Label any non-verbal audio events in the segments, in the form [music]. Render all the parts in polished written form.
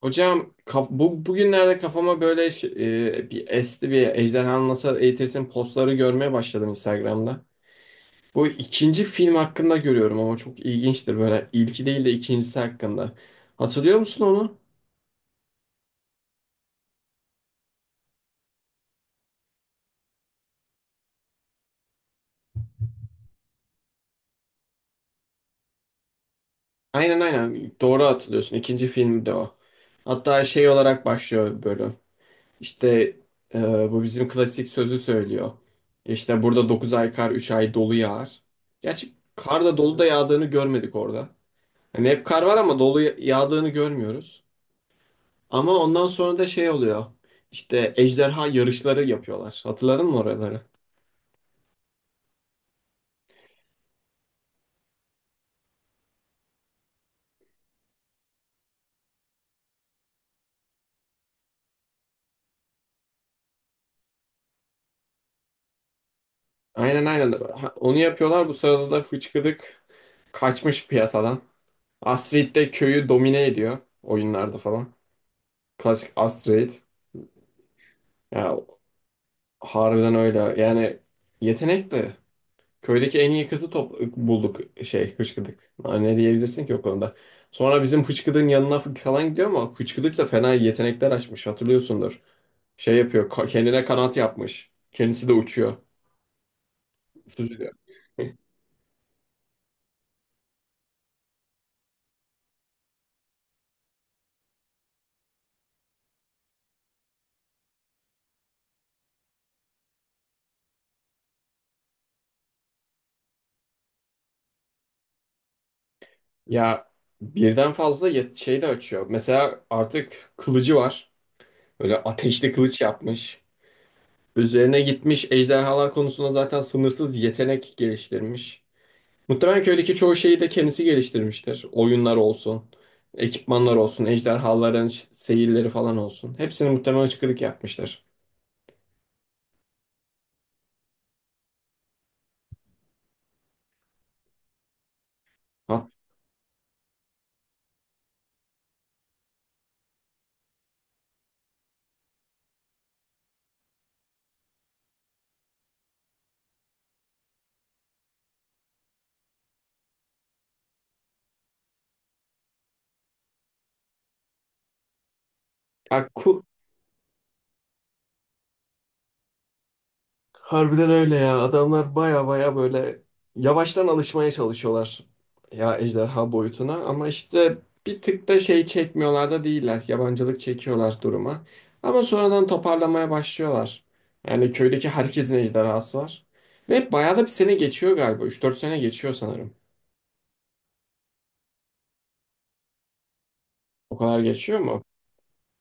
Hocam bu bugünlerde kafama böyle bir esti, bir Ejderhanı Nasıl Eğitirsin postları görmeye başladım Instagram'da. Bu ikinci film hakkında görüyorum ama çok ilginçtir böyle İlki değil de ikincisi hakkında. Hatırlıyor musun onu? Aynen aynen, doğru hatırlıyorsun, ikinci film de o. Hatta şey olarak başlıyor bölüm. İşte bu bizim klasik sözü söylüyor. İşte burada 9 ay kar 3 ay dolu yağar. Gerçi kar da dolu da yağdığını görmedik orada. Hani hep kar var ama dolu yağdığını görmüyoruz. Ama ondan sonra da şey oluyor. İşte ejderha yarışları yapıyorlar. Hatırladın mı oraları? Aynen aynen. Ha, onu yapıyorlar. Bu sırada da Hıçkıdık kaçmış piyasadan. Astrid de köyü domine ediyor oyunlarda falan. Klasik Astrid. Ya harbiden öyle. Yani yetenekli. Köydeki en iyi kızı top bulduk şey hıçkıdık. Ha, ne diyebilirsin ki o konuda. Sonra bizim hıçkıdığın yanına falan gidiyor ama hıçkıdık da fena yetenekler açmış, hatırlıyorsundur. Şey yapıyor, kendine kanat yapmış. Kendisi de uçuyor. Süzülüyor. [laughs] Ya birden fazla şey de açıyor. Mesela artık kılıcı var. Böyle ateşli kılıç yapmış. Üzerine gitmiş ejderhalar konusunda zaten sınırsız yetenek geliştirmiş. Muhtemelen köydeki çoğu şeyi de kendisi geliştirmiştir. Oyunlar olsun, ekipmanlar olsun, ejderhaların seyirleri falan olsun. Hepsini muhtemelen çıkılık yapmıştır. Hatta harbiden öyle ya. Adamlar baya baya böyle yavaştan alışmaya çalışıyorlar ya ejderha boyutuna, ama işte bir tık da şey çekmiyorlar da değiller. Yabancılık çekiyorlar duruma. Ama sonradan toparlamaya başlıyorlar. Yani köydeki herkesin ejderhası var. Ve bayağı da bir sene geçiyor galiba. 3-4 sene geçiyor sanırım. O kadar geçiyor mu?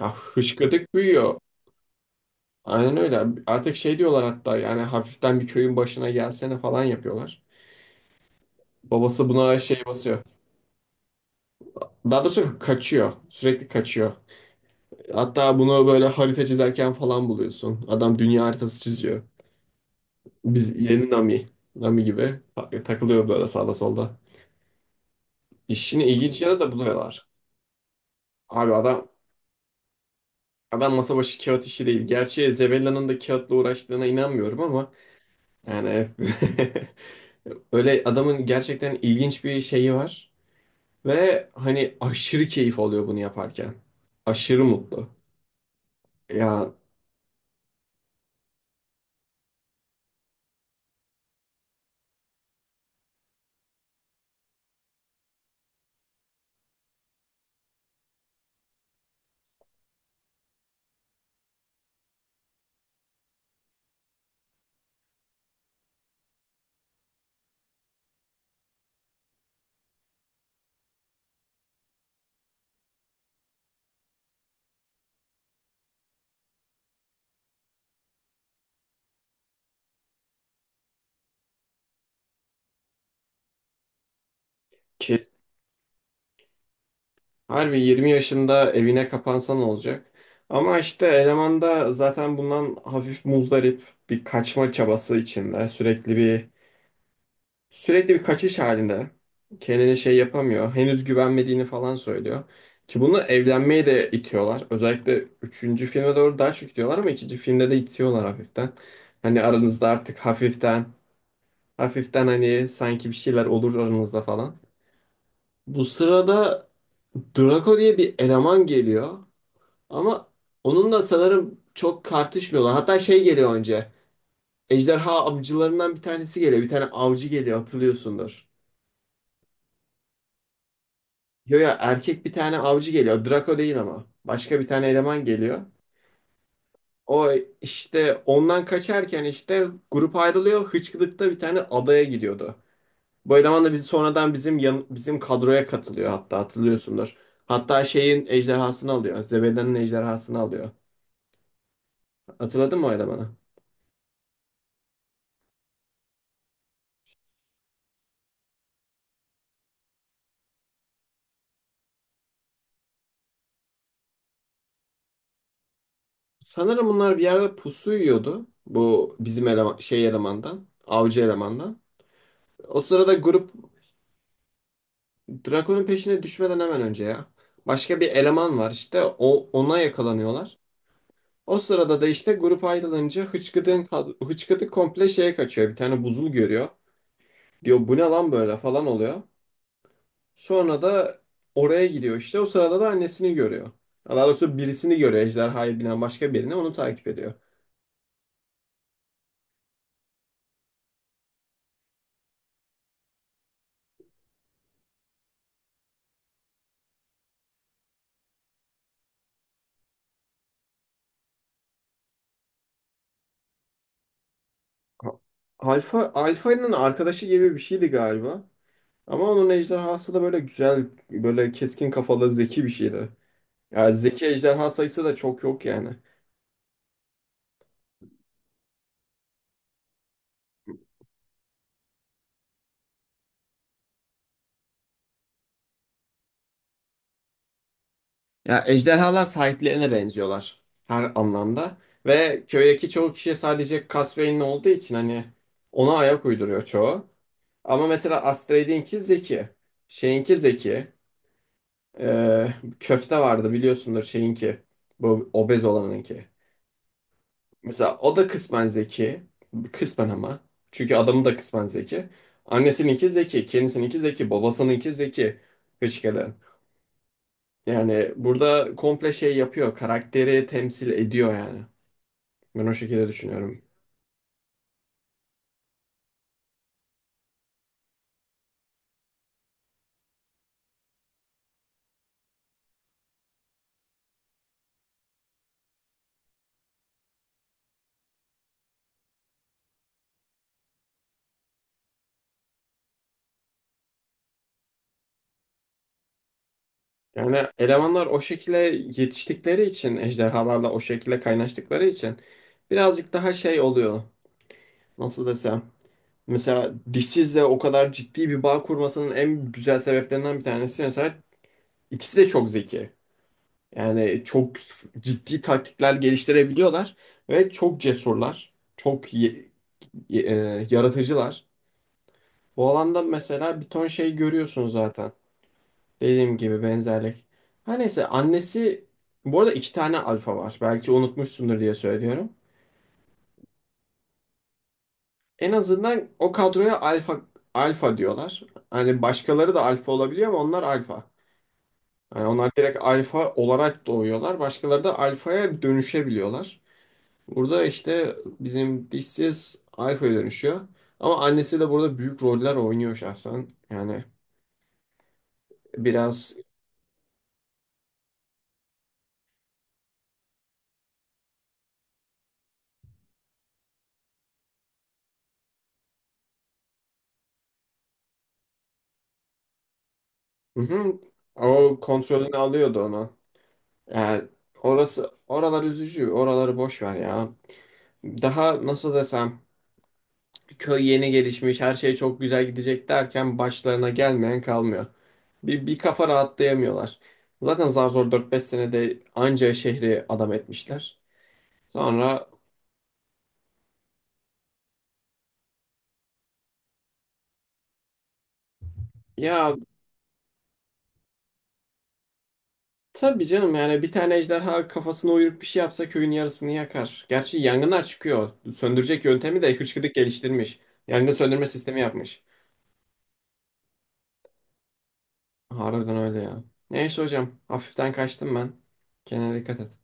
Ya hışkıdık büyüyor. Aynen öyle. Artık şey diyorlar hatta, yani hafiften, bir köyün başına gelsene falan yapıyorlar. Babası buna şey basıyor. Daha doğrusu kaçıyor. Sürekli kaçıyor. Hatta bunu böyle harita çizerken falan buluyorsun. Adam dünya haritası çiziyor. Biz yeni Nami. Nami gibi takılıyor böyle sağda solda. İşini ilginç yere de buluyorlar. Abi adam masa başı kağıt işi değil. Gerçi Zebella'nın da kağıtla uğraştığına inanmıyorum ama yani [laughs] öyle adamın gerçekten ilginç bir şeyi var. Ve hani aşırı keyif alıyor bunu yaparken. Aşırı mutlu. Ya harbi 20 yaşında evine kapansan olacak. Ama işte eleman da zaten bundan hafif muzdarip, bir kaçma çabası içinde. Sürekli bir kaçış halinde. Kendine şey yapamıyor. Henüz güvenmediğini falan söylüyor. Ki bunu evlenmeye de itiyorlar. Özellikle üçüncü filme doğru daha çok itiyorlar ama ikinci filmde de itiyorlar hafiften. Hani aranızda artık hafiften hafiften, hani sanki bir şeyler olur aranızda falan. Bu sırada Draco diye bir eleman geliyor. Ama onunla sanırım çok tartışmıyorlar. Hatta şey geliyor önce. Ejderha avcılarından bir tanesi geliyor. Bir tane avcı geliyor, hatırlıyorsundur. Yo ya, erkek bir tane avcı geliyor. Draco değil ama. Başka bir tane eleman geliyor. O işte ondan kaçarken işte grup ayrılıyor. Hıçkırık'ta bir tane adaya gidiyordu. Bu eleman da bizi sonradan bizim bizim kadroya katılıyor hatta, hatırlıyorsundur. Hatta şeyin ejderhasını alıyor. Zebeda'nın ejderhasını alıyor. Hatırladın mı o elemanı? Sanırım bunlar bir yerde pusu yiyordu. Bu bizim eleman, şey elemandan. Avcı elemandan. O sırada grup Drakon'un peşine düşmeden hemen önce ya. Başka bir eleman var işte. O, ona yakalanıyorlar. O sırada da işte grup ayrılınca hıçkıdığın, hıçkıdık komple şeye kaçıyor. Bir tane buzul görüyor. Diyor bu ne lan böyle falan oluyor. Sonra da oraya gidiyor işte. O sırada da annesini görüyor. Daha doğrusu birisini görüyor. Ejderhaya binen başka birini onu takip ediyor. Ha- Alfa, Alfa'nın arkadaşı gibi bir şeydi galiba. Ama onun ejderhası da böyle güzel, böyle keskin kafalı, zeki bir şeydi. Yani zeki ejderha sayısı da çok yok yani. Ya ejderhalar sahiplerine benziyorlar her anlamda ve köydeki çoğu kişi sadece Casvein'in olduğu için hani, ona ayak uyduruyor çoğu. Ama mesela Astrid'inki zeki, şeyinki zeki, Ee, köfte vardı biliyorsundur şeyinki, bu obez olanınki. Mesela o da kısmen zeki, kısmen ama çünkü adamı da kısmen zeki. Annesininki zeki, kendisininki zeki, babasınınki zeki, Hışkede. Yani burada komple şey yapıyor. Karakteri temsil ediyor yani. Ben o şekilde düşünüyorum. Yani elemanlar o şekilde yetiştikleri için, ejderhalarla o şekilde kaynaştıkları için birazcık daha şey oluyor. Nasıl desem? Mesela dişsizle o kadar ciddi bir bağ kurmasının en güzel sebeplerinden bir tanesi, mesela ikisi de çok zeki. Yani çok ciddi taktikler geliştirebiliyorlar ve çok cesurlar, çok yaratıcılar. Bu alanda mesela bir ton şey görüyorsun zaten. Dediğim gibi benzerlik. Her neyse, annesi bu arada 2 tane alfa var. Belki unutmuşsundur diye söylüyorum. En azından o kadroya alfa diyorlar. Hani başkaları da alfa olabiliyor ama onlar alfa. Hani onlar direkt alfa olarak doğuyorlar. Başkaları da alfaya dönüşebiliyorlar. Burada işte bizim dişsiz alfaya dönüşüyor. Ama annesi de burada büyük roller oynuyor şahsen. Yani biraz. Hı hı. O kontrolünü alıyordu onu. Yani orası, oralar üzücü. Oraları boş ver ya. Daha nasıl desem, köy yeni gelişmiş, her şey çok güzel gidecek derken başlarına gelmeyen kalmıyor. Bir kafa rahatlayamıyorlar. Zaten zar zor 4-5 senede anca şehri adam etmişler. Sonra ya tabii canım, yani bir tane ejderha kafasına uyurup bir şey yapsa köyün yarısını yakar. Gerçi yangınlar çıkıyor. Söndürecek yöntemi de hıçkıdık geliştirmiş. Yangın söndürme sistemi yapmış. Harbiden öyle ya. Neyse hocam. Hafiften kaçtım ben. Kendine dikkat et.